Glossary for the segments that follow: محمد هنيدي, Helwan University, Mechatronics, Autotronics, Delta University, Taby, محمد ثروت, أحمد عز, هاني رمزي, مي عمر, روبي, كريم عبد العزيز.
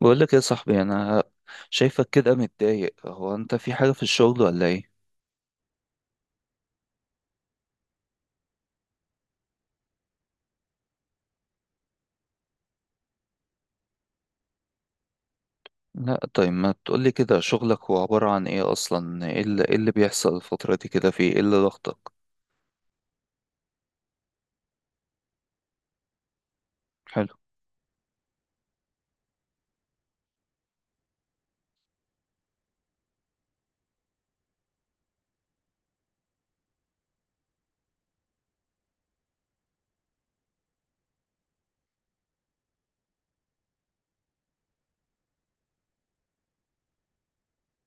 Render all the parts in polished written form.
بقول لك يا صاحبي، انا شايفك كده متضايق. هو انت في حاجة في الشغل ولا ايه؟ لا طيب ما تقولي كده. شغلك هو عبارة عن ايه اصلا؟ إيه اللي بيحصل الفترة دي كده؟ في ايه اللي ضغطك؟ حلو.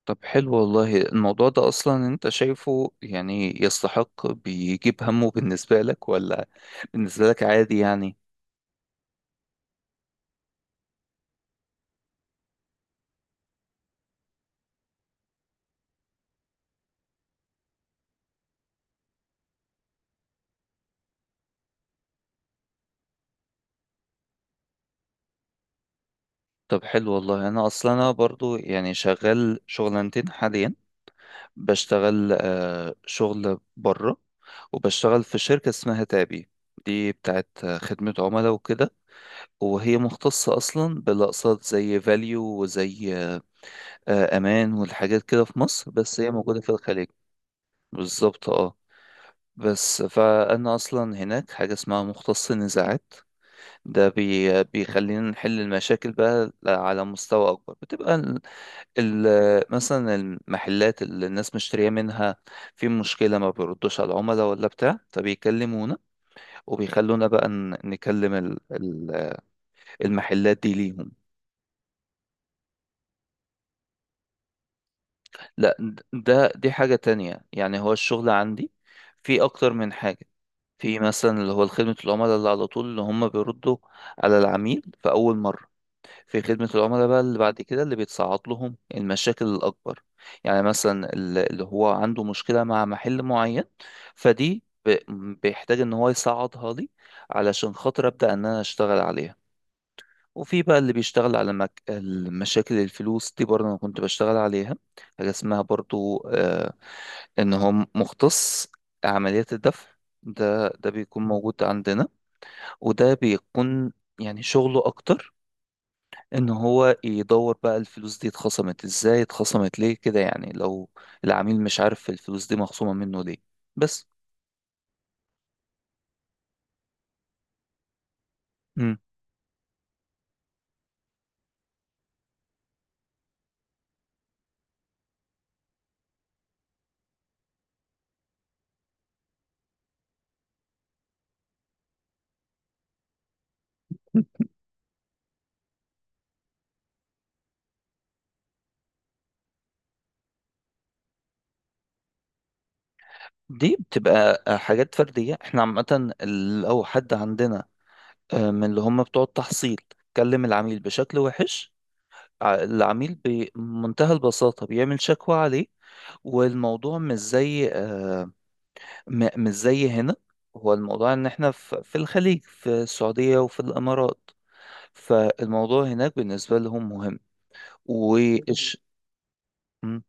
طب حلو والله. الموضوع ده اصلا انت شايفه يعني يستحق بيجيب همه بالنسبة لك ولا بالنسبة لك عادي يعني؟ طب حلو والله. انا اصلا انا برضو يعني شغال شغلانتين حاليا. بشتغل شغل بره، وبشتغل في شركة اسمها تابي. دي بتاعت خدمة عملاء وكده، وهي مختصة أصلا بالأقساط زي فاليو وزي أمان والحاجات كده في مصر، بس هي موجودة في الخليج. بالظبط اه. بس فأنا أصلا هناك حاجة اسمها مختص النزاعات. ده بيخلينا نحل المشاكل بقى على مستوى أكبر. بتبقى مثلا المحلات اللي الناس مشترية منها في مشكلة، ما بيردوش على العملاء ولا بتاع، فبيكلمونا وبيخلونا بقى نكلم المحلات دي ليهم. لا، ده دي حاجة تانية. يعني هو الشغل عندي في أكتر من حاجة. في مثلا اللي هو خدمة العملاء اللي على طول، اللي هم بيردوا على العميل في أول مرة. في خدمة العملاء بقى اللي بعد كده، اللي بيتصعد لهم المشاكل الأكبر. يعني مثلا اللي هو عنده مشكلة مع محل معين، فدي بيحتاج إن هو يصعدها لي علشان خاطر أبدأ إن أنا أشتغل عليها. وفي بقى اللي بيشتغل على المشاكل، الفلوس دي برضه أنا كنت بشتغل عليها. حاجة اسمها برضه آه، إن هو مختص عمليات الدفع. ده ده بيكون موجود عندنا، وده بيكون يعني شغله أكتر ان هو يدور بقى الفلوس دي اتخصمت ازاي، اتخصمت ليه كده، يعني لو العميل مش عارف الفلوس دي مخصومة منه ليه. بس. مم. دي بتبقى حاجات فردية. احنا عامة لو حد عندنا من اللي هم بتوع التحصيل كلم العميل بشكل وحش، العميل بمنتهى البساطة بيعمل شكوى عليه. والموضوع مش زي مش زي هنا. هو الموضوع ان احنا في الخليج، في السعودية وفي الامارات، فالموضوع هناك بالنسبة لهم مهم. وإش... م-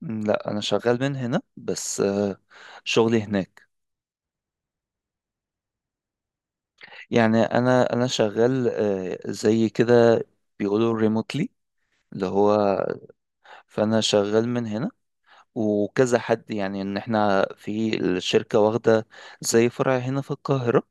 لا، أنا شغال من هنا بس شغلي هناك. يعني أنا شغال زي كده بيقولوا ريموتلي. اللي هو فأنا شغال من هنا، وكذا حد. يعني إن إحنا في الشركة واخدة زي فرع هنا في القاهرة،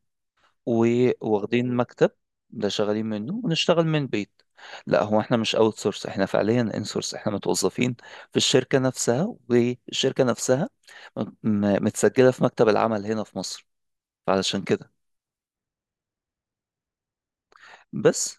وواخدين مكتب ده شغالين منه، ونشتغل من بيت. لا، هو احنا مش اوت سورس، احنا فعليا ان سورس، احنا متوظفين في الشركة نفسها، والشركة نفسها متسجلة في مكتب العمل هنا في مصر، علشان كده. بس.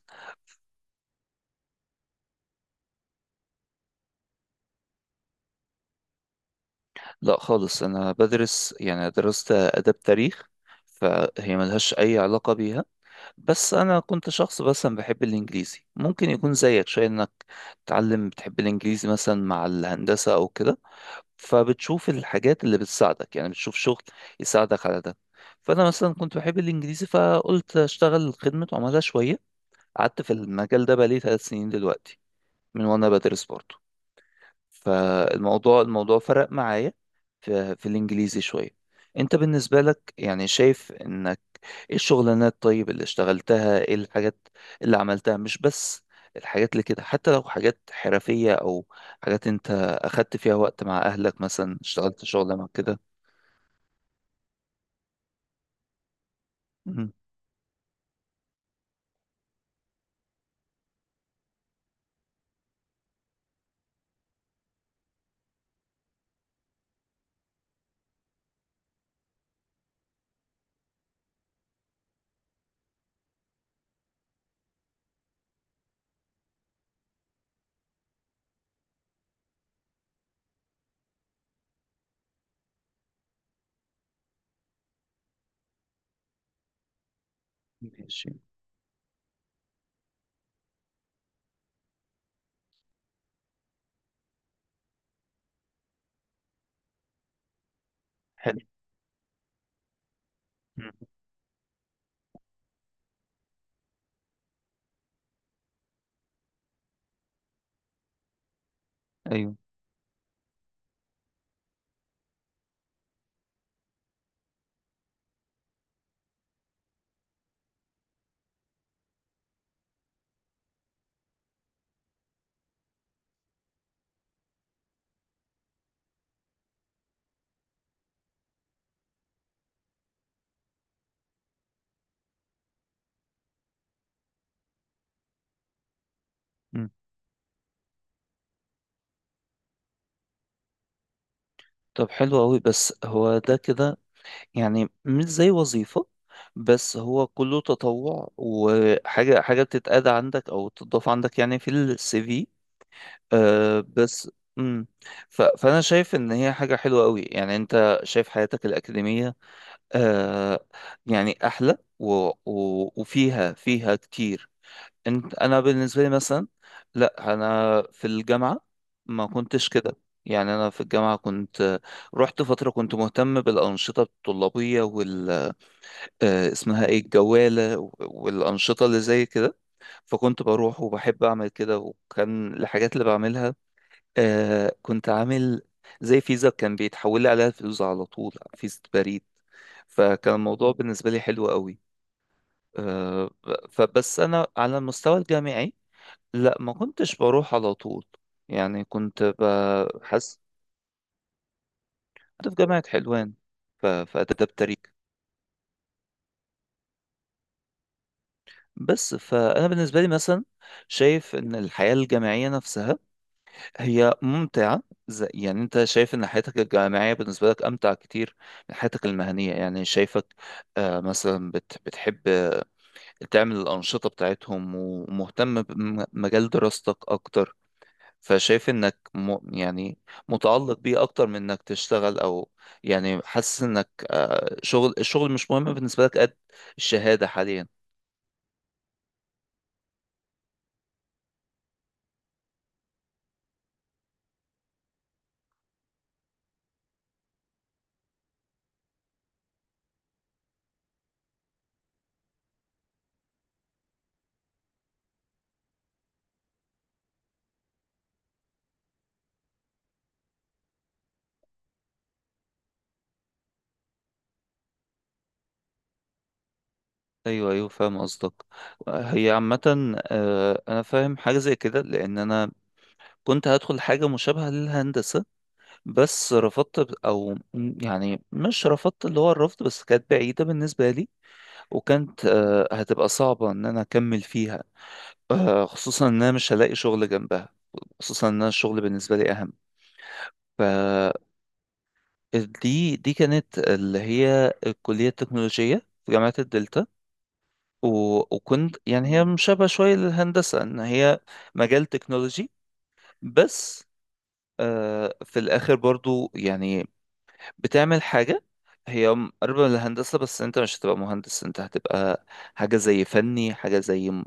لا خالص، انا بدرس يعني درست آداب تاريخ، فهي ملهاش اي علاقة بيها. بس انا كنت شخص مثلا بحب الانجليزي. ممكن يكون زيك شوية، انك تتعلم بتحب الانجليزي مثلا مع الهندسة او كده، فبتشوف الحاجات اللي بتساعدك. يعني بتشوف شغل يساعدك على ده. فانا مثلا كنت بحب الانجليزي، فقلت اشتغل خدمة عملاء شوية. قعدت في المجال ده بقالي ثلاث سنين دلوقتي، من وانا بدرس برضه. فالموضوع فرق معايا في الانجليزي شوية. انت بالنسبة لك يعني شايف ان ايه الشغلانات طيب اللي اشتغلتها، ايه الحاجات اللي عملتها؟ مش بس الحاجات اللي كده، حتى لو حاجات حرفية او حاجات انت اخدت فيها وقت مع اهلك، مثلا اشتغلت شغلة مع كده. مم. ماشي. حلو. مم. ايوه. مم. طب حلو قوي. بس هو ده كده يعني مش زي وظيفة، بس هو كله تطوع وحاجة حاجة بتتقاد عندك او تضاف عندك يعني في السي في. أه بس. امم. فانا شايف ان هي حاجه حلوه قوي. يعني انت شايف حياتك الاكاديميه، أه، يعني احلى وفيها، فيها كتير. انت انا بالنسبه لي مثلا، لا، انا في الجامعه ما كنتش كده. يعني انا في الجامعه كنت رحت فتره كنت مهتم بالانشطه الطلابيه وال اسمها ايه، الجواله والانشطه اللي زي كده. فكنت بروح وبحب اعمل كده، وكان الحاجات اللي بعملها آه كنت عامل زي فيزا كان بيتحول لي عليها الفلوس على طول، فيزا بريد. فكان الموضوع بالنسبة لي حلو قوي. آه. فبس أنا على المستوى الجامعي لا، ما كنتش بروح على طول. يعني كنت بحس. كنت في جامعة حلوان، في آداب تاريخ. بس فأنا بالنسبة لي مثلا، شايف إن الحياة الجامعية نفسها هي ممتعة. زي يعني انت شايف ان حياتك الجامعية بالنسبة لك امتع كتير من حياتك المهنية. يعني شايفك آه، مثلا بتحب تعمل الانشطة بتاعتهم، ومهتم بمجال دراستك اكتر، فشايف انك م يعني متعلق بيه اكتر من انك تشتغل. او يعني حاسس انك آه شغل، الشغل مش مهم بالنسبة لك قد الشهادة حاليا؟ ايوه، ايوه، فاهم قصدك. هي عامة آه، انا فاهم حاجة زي كده، لان انا كنت هدخل حاجة مشابهة للهندسة بس رفضت، يعني مش رفضت اللي هو الرفض، بس كانت بعيدة بالنسبة لي، وكانت هتبقى صعبة إن أنا أكمل فيها. خصوصا إن أنا مش هلاقي شغل جنبها، خصوصا إن أنا الشغل بالنسبة لي أهم. فدي كانت اللي هي الكلية التكنولوجية في جامعة الدلتا. وكنت يعني هي مشابهة شوية للهندسة، إن هي مجال تكنولوجي، بس في الآخر برضو يعني بتعمل حاجة هي قريبة من الهندسة. بس انت مش هتبقى مهندس، انت هتبقى حاجة زي فني، حاجة زي م-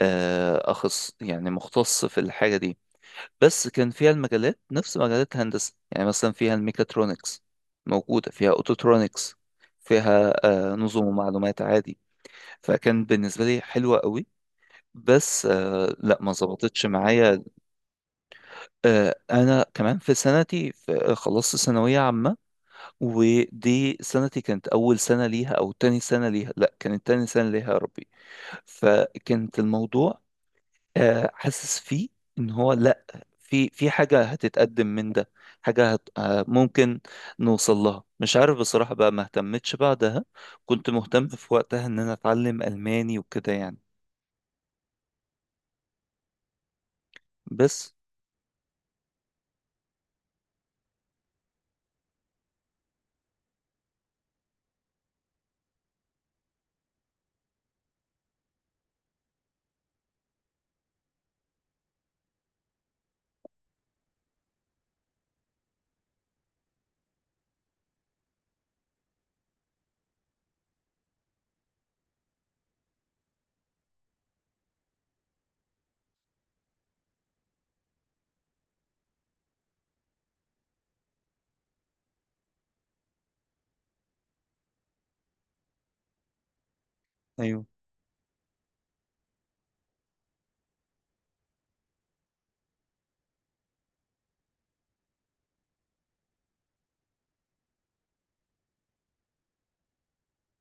آه، أخص يعني مختص في الحاجة دي. بس كان فيها المجالات نفس مجالات الهندسة. يعني مثلا فيها الميكاترونكس موجودة، فيها أوتوترونكس، فيها نظم ومعلومات عادي. فكان بالنسبة لي حلوة قوي، بس لا ما ظبطتش معايا. انا كمان في سنتي خلصت ثانوية عامة، ودي سنتي كانت أول سنة ليها أو تاني سنة ليها، لا كانت تاني سنة ليها يا ربي. فكانت الموضوع حاسس فيه إن هو لا، في حاجة هتتقدم من ده، حاجة هت آه، ممكن نوصل لها. مش عارف بصراحة بقى، ما اهتمتش بعدها. كنت مهتم في وقتها إن أنا أتعلم ألماني وكده يعني. بس.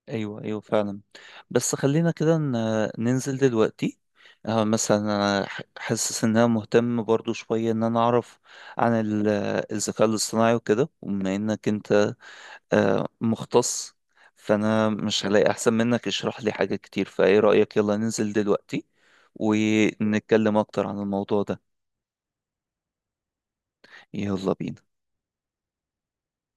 ايوه ايوه فعلا. بس خلينا كده ننزل دلوقتي. مثلا انا حاسس ان انا مهتم برضو شويه ان انا اعرف عن الذكاء الاصطناعي وكده، وبما انك انت مختص، فانا مش هلاقي احسن منك يشرح لي حاجه كتير. فايه رايك يلا ننزل دلوقتي ونتكلم اكتر عن الموضوع ده؟ يلا بينا.